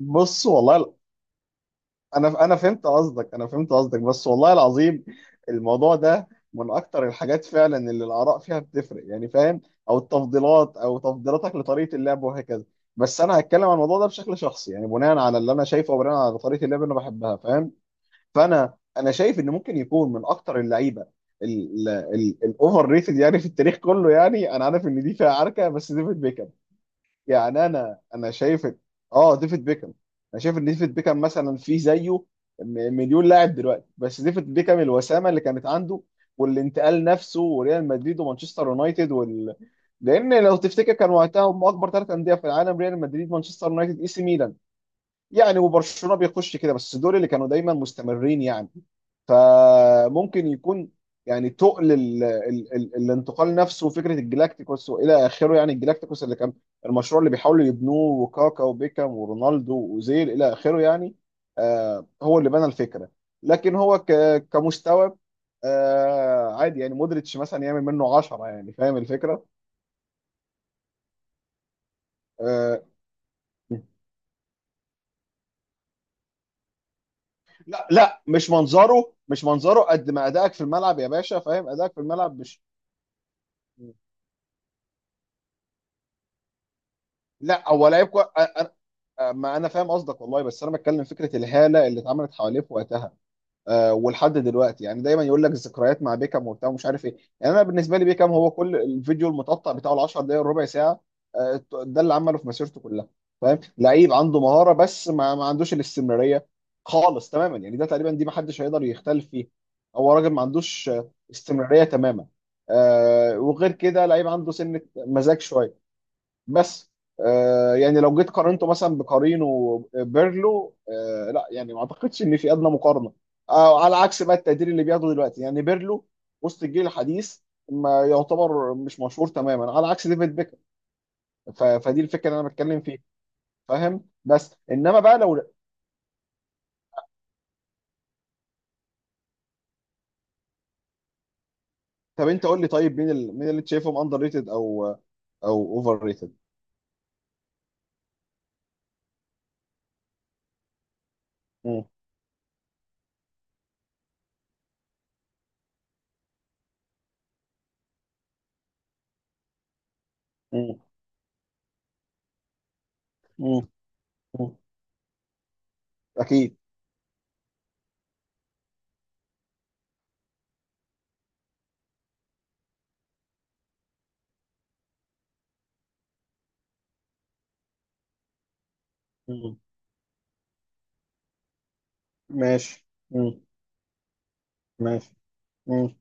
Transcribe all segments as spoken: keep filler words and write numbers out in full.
بص، والله ال- انا انا فهمت قصدك انا فهمت قصدك، بس والله العظيم الموضوع ده من اكتر الحاجات فعلا اللي الاراء فيها بتفرق، يعني فاهم، او التفضيلات او تفضيلاتك لطريقه اللعب وهكذا. بس انا هتكلم عن الموضوع ده بشكل شخصي، يعني بناء على اللي انا شايفه وبناء على طريقه اللعب اللي انا بحبها، فاهم. فانا انا شايف ان ممكن يكون من اكتر اللعيبه ال- ال- الاوفر ريتد، يعني في التاريخ كله. يعني انا عارف ان دي فيها عركه، بس ديفيد بيكهام. يعني انا انا شايف إن- اه، ديفيد بيكهام. انا شايف ان ديفيد بيكهام مثلا في زيه م- مليون لاعب دلوقتي، بس ديفيد بيكهام، الوسامه اللي كانت عنده، والانتقال نفسه، وريال مدريد ومانشستر يونايتد وال... لان لو تفتكر كان وقتها هم اكبر ثلاث انديه في العالم: ريال مدريد، مانشستر يونايتد، اي سي ميلان، يعني. وبرشلونه بيخش كده، بس دول اللي كانوا دايما مستمرين يعني. فممكن يكون، يعني تقل ال ال ال الانتقال نفسه وفكره الجلاكتيكوس والى اخره. يعني الجلاكتيكوس اللي كان المشروع اللي بيحاولوا يبنوه، وكاكا وبيكام ورونالدو واوزيل الى اخره يعني. آه، هو اللي بنى الفكره، لكن هو ك- كمستوى آه عادي. يعني مودريتش مثلا يعمل منه عشرة. يعني فاهم الفكره. آه لا لا، مش منظره، مش منظره، قد ما ادائك في الملعب يا باشا، فاهم، ادائك في الملعب مش... لا، هو لعيب كو... أ- أ- ما انا فاهم قصدك والله، بس انا بتكلم فكره الهاله اللي اتعملت حواليه في وقتها. آه، ولحد دلوقتي يعني دايما يقول لك الذكريات مع بيكام وبتاع ومش عارف ايه. يعني انا بالنسبه لي بيكام هو كل الفيديو المتقطع بتاعه، ال عشرة دقائق ربع ساعه. آه، ده اللي عمله في مسيرته كلها. فاهم، لعيب عنده مهاره، بس ما, ما عندوش الاستمراريه خالص تماما. يعني ده تقريبا، دي ما حدش هيقدر يختلف فيه. هو راجل ما عندوش آه، استمراريه تماما. آه، وغير كده لعيب عنده سنه مزاج شويه بس. آه، يعني لو جيت قارنته مثلا بقارينه بيرلو، آه لا، يعني ما اعتقدش ان في ادنى مقارنه. آه، على عكس بقى التقدير اللي بياخده دلوقتي، يعني بيرلو وسط الجيل الحديث ما يعتبر، مش مشهور تماما، على عكس ديفيد بيكهام. ف- فدي الفكره اللي انا بتكلم فيها، فاهم، بس انما بقى لو... طب انت قول لي، طيب مين ال... مين اللي أنت شايفهم اندر ريتد او او اوفر ريتد؟ مم. مم. مم. مم. اكيد. مم. ماشي. مم. ماشي. مم.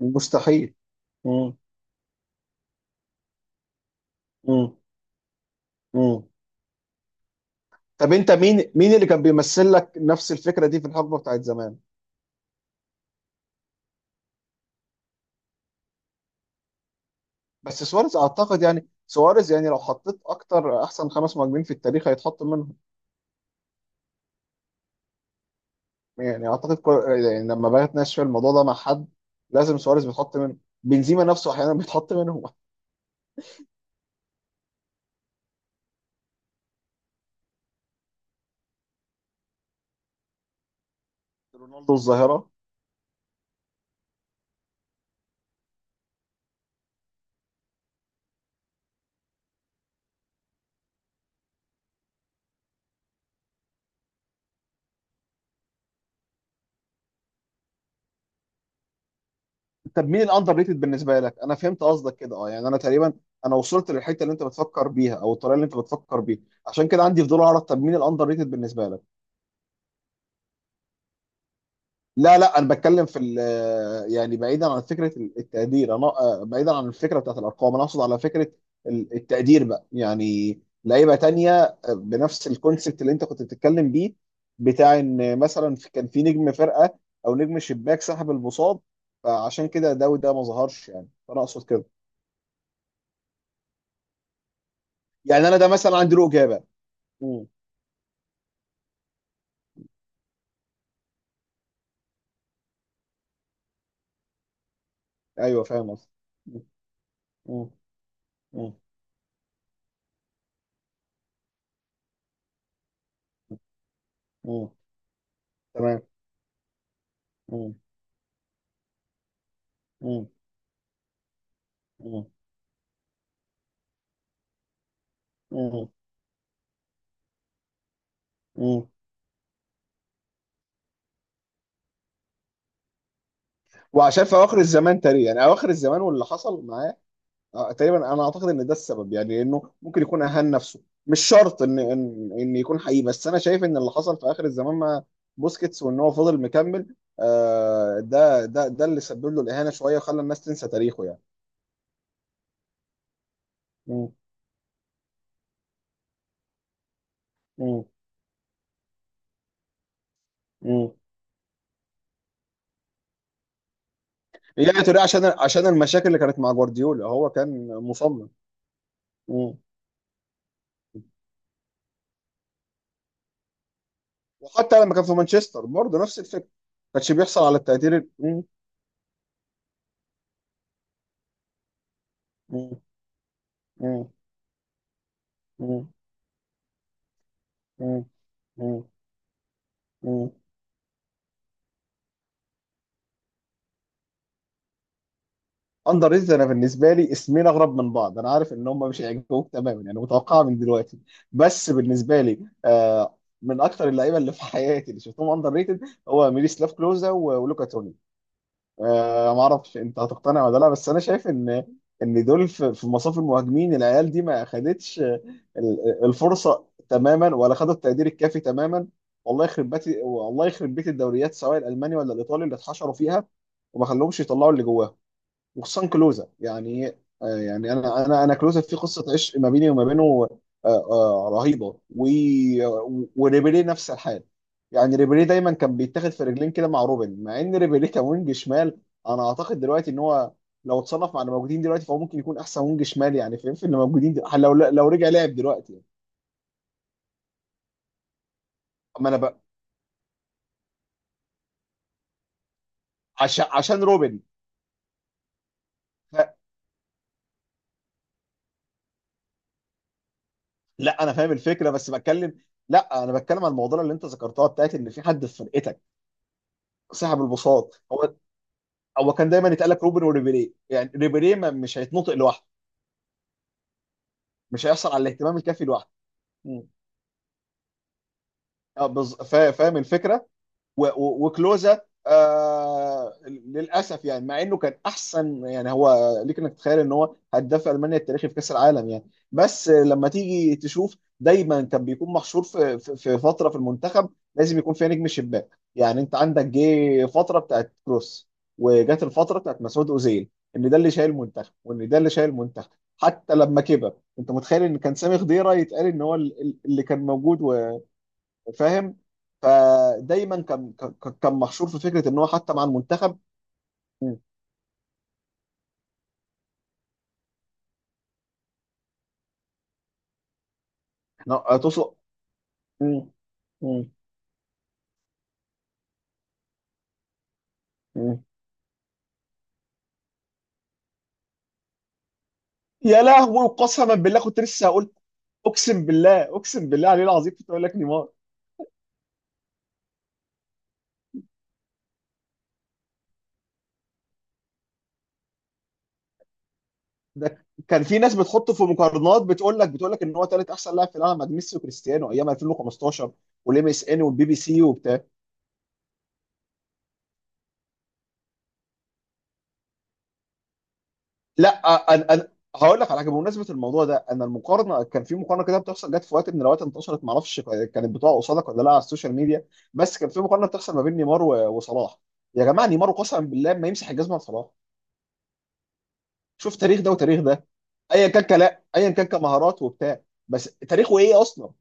مستحيل. مم. مم. طب انت مين مين اللي كان بيمثل لك نفس الفكره دي في الحقبه بتاعت زمان؟ بس سواريز اعتقد، يعني سواريز، يعني لو حطيت اكتر احسن خمس مهاجمين في التاريخ هيتحط منهم. يعني اعتقد كل... يعني لما باجي اتناقش في الموضوع ده مع حد، لازم سواريز بيتحط منه، بنزيما نفسه احيانا بيتحط منهم. رونالدو الظاهره. طب مين الاندر ريتد بالنسبه لك؟ انا فهمت قصدك كده، اه، يعني انا تقريبا، انا وصلت للحته اللي انت بتفكر بيها او الطريقه اللي انت بتفكر بيها. عشان كده عندي فضول اعرف، طب مين الاندر ريتد بالنسبه لك؟ لا لا، انا بتكلم في ال- آه، يعني بعيدا عن فكره التقدير. انا آه، بعيدا عن الفكره بتاعت الارقام، انا اقصد على فكره ال- التقدير بقى، يعني لعيبه تانية، آه، بنفس الكونسبت اللي انت كنت بتتكلم بيه، بتاع ان مثلا في- كان في نجم فرقه او نجم شباك سحب المصاب، فعشان كده ده وده ما ظهرش يعني. فانا اقصد كده. يعني انا ده مثلا عندي له اجابه. مم. ايوه فاهم قصدي. مم. مم. مم. مم. تمام. مم. مم. مم. مم. وعشان في اواخر الزمان تقريبا، يعني اواخر الزمان واللي حصل معاه، آه، تقريبا انا اعتقد ان ده السبب. يعني انه ممكن يكون اهان نفسه، مش شرط ان ان ان يكون حقيقي، بس انا شايف ان اللي حصل في اخر الزمان مع بوسكيتس، وان هو فضل مكمل، آه، ده ده ده اللي سبب له الاهانه شويه وخلى الناس تنسى تاريخه يعني. مم. مم. مم. يعني تقريبا عشان عشان المشاكل اللي كانت مع جوارديولا، هو كان مصمم. مم. وحتى لما كان في مانشستر برضه نفس الفكره، ما كانش بيحصل على التقدير ال- مم. مم. مم. مم. مم. مم. مم. اندر ريتد، انا بالنسبه لي اسمين اغرب من بعض. انا عارف ان هم مش هيعجبوك تماما، يعني متوقعه من دلوقتي. بس بالنسبه لي آه، من اكتر اللعيبه اللي في حياتي اللي شفتهم اندر ريتد هو ميريسلاف كلوزا و- ولوكا توني. آه، ما اعرفش انت هتقتنع ولا لا، بس انا شايف ان ان دول في في مصاف المهاجمين. العيال دي ما خدتش آه، ال- الفرصه تماما، ولا خدت التقدير الكافي تماما. والله يخرب بيت، والله يخرب بيت الدوريات، سواء الالماني ولا الايطالي اللي اتحشروا فيها، وما خلوهمش يطلعوا اللي جواهم، وخصوصا كلوزا يعني. آه، يعني انا انا انا كلوزا في قصه عشق ما بيني وما بينه، آه آه رهيبه. و وريبيري نفس الحال. يعني ريبيري دايما كان بيتاخد في رجلين كده مع روبن، مع ان ريبيري كان وينج شمال. انا اعتقد دلوقتي ان هو، لو اتصنف مع اللي موجودين دلوقتي، فهو ممكن يكون احسن وينج شمال. يعني فاهم، في اللي موجودين دلوقتي لو لو رجع لعب دلوقتي يعني. اما انا بقى، عشان عشان روبن. ف- لا، انا فاهم الفكره بس بتكلم. لا انا بتكلم عن الموضوع اللي انت ذكرتها بتاعت ان في حد في فرقتك سحب البساط. هو هو كان دايما يتقال لك روبن وريبيري، يعني ريبيري ما- مش هيتنطق لوحده، مش هيحصل على الاهتمام الكافي لوحده. مم. اه بز... فا- فاهم الفكره، و- و- وكلوزا. آه، للاسف يعني مع انه كان احسن، يعني هو ليك انك تتخيل ان هو هداف المانيا التاريخي في كاس العالم يعني. بس آه، لما تيجي تشوف دايما كان بيكون محشور في في في فتره في المنتخب لازم يكون فيها نجم الشباك. يعني انت عندك جه فتره بتاعت كروس، وجت الفتره بتاعت مسعود اوزيل، ان ده اللي شايل المنتخب وان ده اللي شايل المنتخب. حتى لما كبر، انت متخيل ان كان سامي خضيره يتقال ان هو ال- ال- اللي كان موجود، فاهم. فدايما كان كان كان محشور في فكره ان هو حتى مع المنتخب. مم. لا، توصل. مم. مم. مم. يا لهوي، قسما بالله كنت لسه هقول، اقسم بالله، اقسم بالله عليه العظيم كنت اقول لك نيمار. ده كان في ناس بتحطه في مقارنات، بتقول لك بتقول لك ان هو ثالث احسن لاعب في العالم بعد ميسي وكريستيانو ايام الفين وخمسة عشر، والام اس ان والبي بي سي. لا، انا انا هقول لك على حاجه بمناسبه الموضوع ده. انا المقارنه، كان في مقارنه كده بتحصل، جت في وقت من الاوقات انتشرت، ما اعرفش كانت بتقع قصادك ولا لا على السوشيال ميديا. بس كان في مقارنه بتحصل ما بين نيمار و- وصلاح. يا جماعه، نيمار قسما بالله ما يمسح الجزمه لصلاح. شوف تاريخ ده وتاريخ ده. ايا كان كلا، ايا كان كمهارات وبتاع، بس تاريخه ايه اصلا؟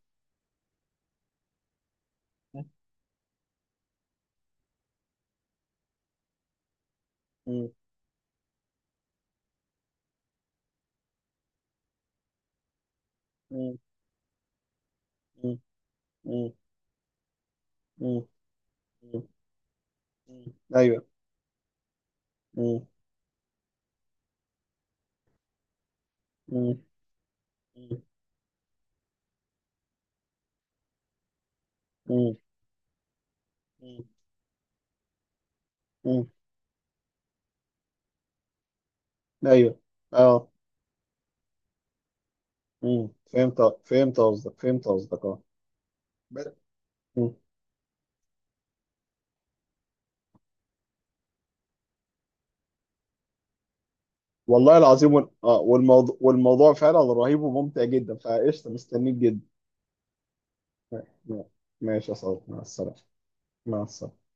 مم. مم. مم. مم. مم. مم. مم. ايوه. مم. مم. مم. مم. مم. ايوه. اه. مم. فهمت، فهمت قصدك، فهمت قصدك اه. ب- مم. والله العظيم وال... اه والموضوع، والموضوع فعلا رهيب وممتع جدا، فقشطة مستنيك جدا. م- ماشي يا صاحبي، مع السلامة. مع السلامة.